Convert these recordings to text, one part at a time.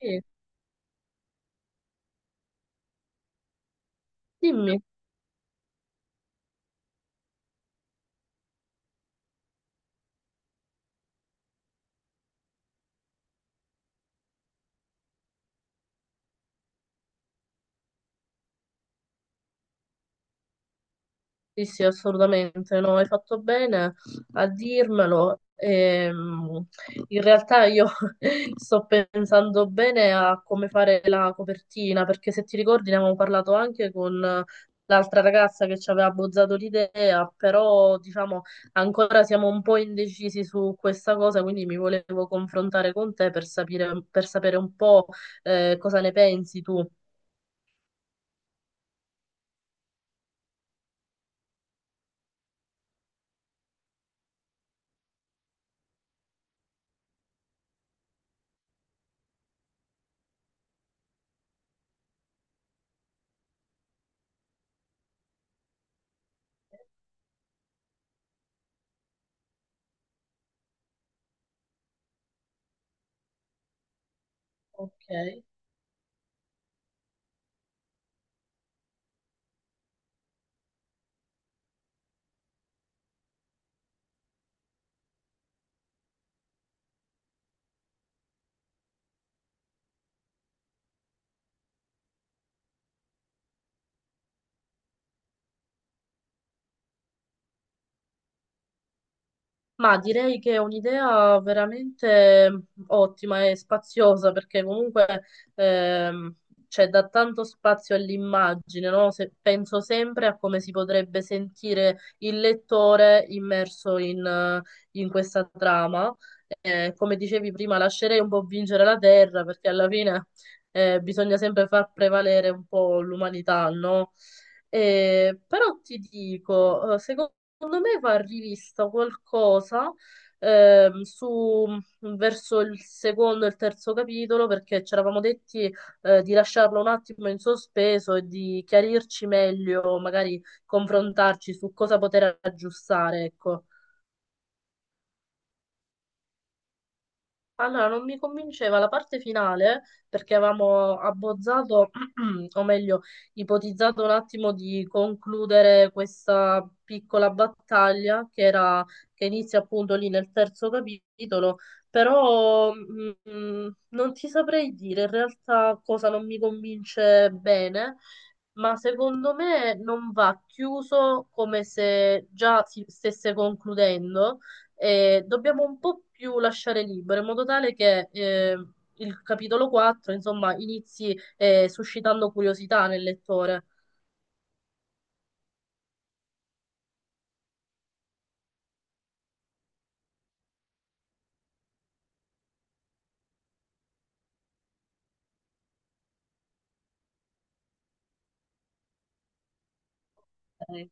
Sì, dimmi, sì, sì, assolutamente, no, hai fatto bene a dirmelo. In realtà io sto pensando bene a come fare la copertina, perché se ti ricordi ne avevamo parlato anche con l'altra ragazza che ci aveva bozzato l'idea, però diciamo ancora siamo un po' indecisi su questa cosa, quindi mi volevo confrontare con te per sapere un po' cosa ne pensi tu. Ok. Ma direi che è un'idea veramente ottima e spaziosa perché comunque ehm, c'è da tanto spazio all'immagine, no? Penso sempre a come si potrebbe sentire il lettore immerso in, in questa trama. Come dicevi prima, lascerei un po' vincere la terra perché alla fine bisogna sempre far prevalere un po' l'umanità, no? Però ti dico, Secondo me va rivista qualcosa su verso il secondo e il terzo capitolo perché ci eravamo detti di lasciarlo un attimo in sospeso e di chiarirci meglio, magari confrontarci su cosa poter aggiustare, ecco. Allora, non mi convinceva la parte finale perché avevamo abbozzato, o meglio, ipotizzato un attimo di concludere questa piccola battaglia che inizia appunto lì nel terzo capitolo, però non ti saprei dire in realtà cosa non mi convince bene, ma secondo me non va chiuso come se già si stesse concludendo e dobbiamo un po' più lasciare libero, in modo tale che il capitolo 4, insomma, inizi suscitando curiosità nel lettore. Ok.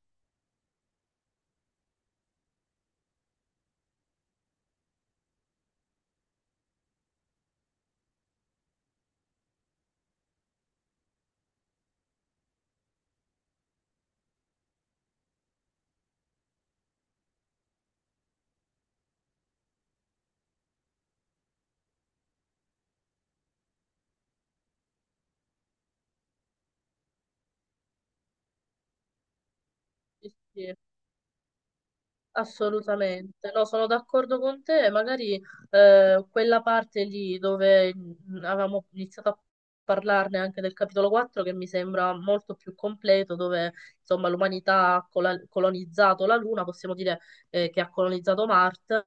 Sì, sì. Assolutamente, no, sono d'accordo con te. Magari quella parte lì dove avevamo iniziato a parlarne anche del capitolo 4, che mi sembra molto più completo, dove insomma l'umanità ha colonizzato la Luna, possiamo dire che ha colonizzato Marte.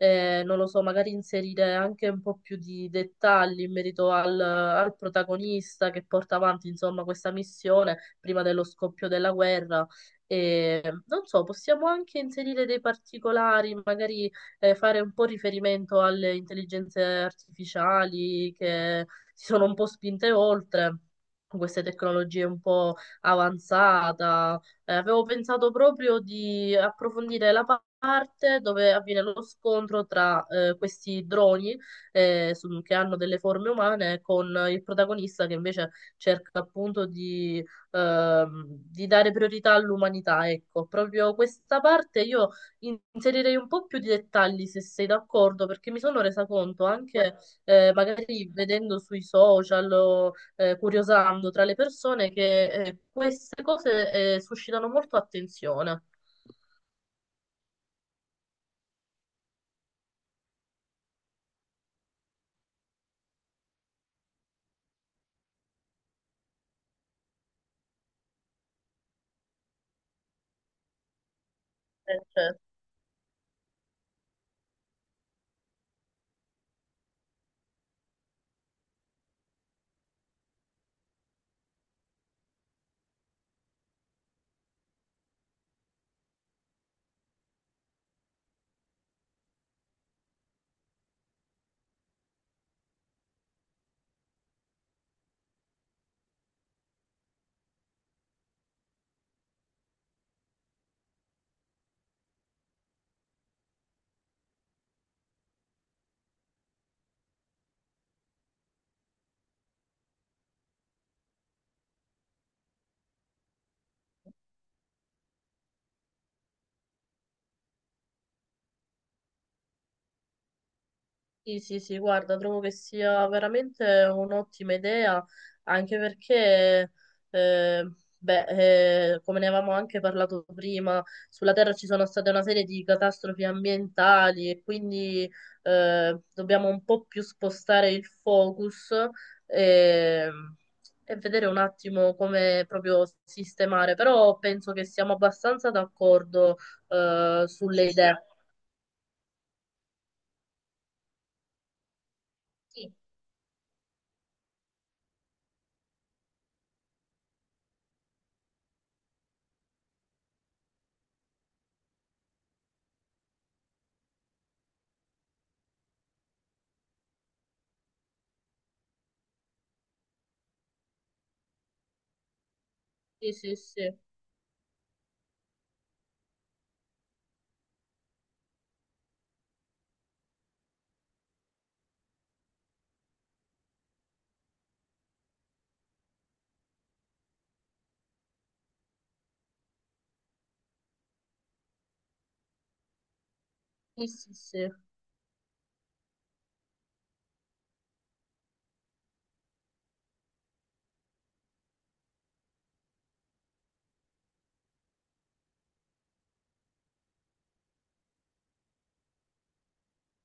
Non lo so, magari inserire anche un po' più di dettagli in merito al, al protagonista che porta avanti insomma questa missione prima dello scoppio della guerra. E non so, possiamo anche inserire dei particolari, magari fare un po' riferimento alle intelligenze artificiali che si sono un po' spinte oltre. Con queste tecnologie un po' avanzata. Avevo pensato proprio di approfondire la parte dove avviene lo scontro tra questi droni che hanno delle forme umane con il protagonista che invece cerca appunto di dare priorità all'umanità, ecco, proprio questa parte io inserirei un po' più di dettagli se sei d'accordo, perché mi sono resa conto anche magari vedendo sui social o curiosando tra le persone che queste cose suscitano molto attenzione. Certo. Sì, sì, sì, guarda, trovo che sia veramente un'ottima idea, anche perché, eh, beh, come ne avevamo anche parlato prima, sulla Terra ci sono state una serie di catastrofi ambientali e quindi dobbiamo un po' più spostare il focus e, e vedere un attimo come proprio sistemare, però penso che siamo abbastanza d'accordo sulle idee. Sì, sì, sì, sì, sì, sì. Sì.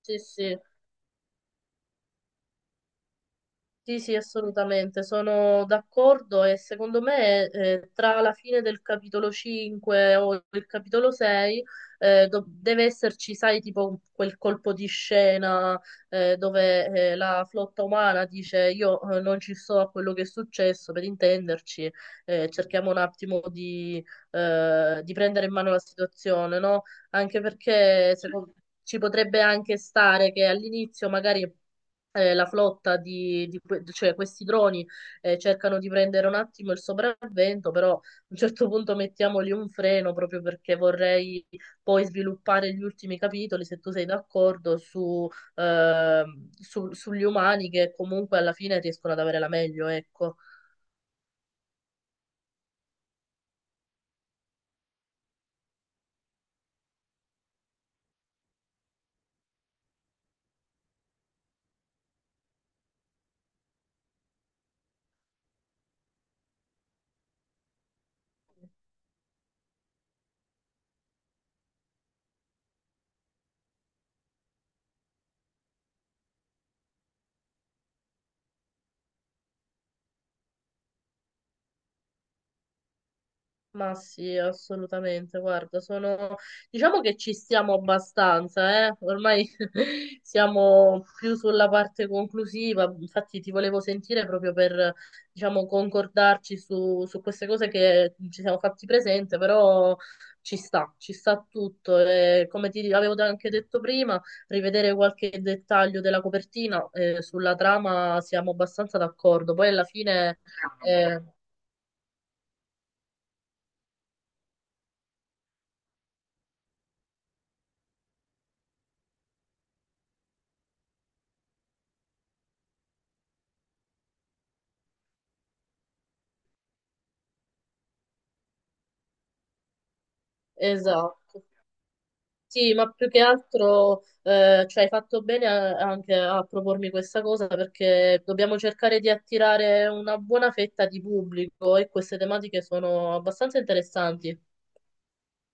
Sì, sì, sì, sì, assolutamente, sono d'accordo e secondo me tra la fine del capitolo 5 o il capitolo 6 deve esserci, sai, tipo quel colpo di scena dove la flotta umana dice io non ci sto a quello che è successo, per intenderci, cerchiamo un attimo di prendere in mano la situazione, no? Anche perché secondo- Ci potrebbe anche stare che all'inizio magari la flotta cioè questi droni cercano di prendere un attimo il sopravvento, però a un certo punto mettiamogli un freno proprio perché vorrei poi sviluppare gli ultimi capitoli, se tu sei d'accordo, su, eh, sugli umani che comunque alla fine riescono ad avere la meglio, ecco. Ma sì, assolutamente. Guarda, sono... diciamo che ci stiamo abbastanza, eh? Ormai siamo più sulla parte conclusiva. Infatti, ti volevo sentire proprio per, diciamo, concordarci su, su queste cose che ci siamo fatti presente, però ci sta tutto. E come ti avevo anche detto prima, rivedere qualche dettaglio della copertina, sulla trama siamo abbastanza d'accordo. Poi alla fine, eh, esatto. Sì, ma più che altro, cioè, hai fatto bene anche a propormi questa cosa perché dobbiamo cercare di attirare una buona fetta di pubblico e queste tematiche sono abbastanza interessanti.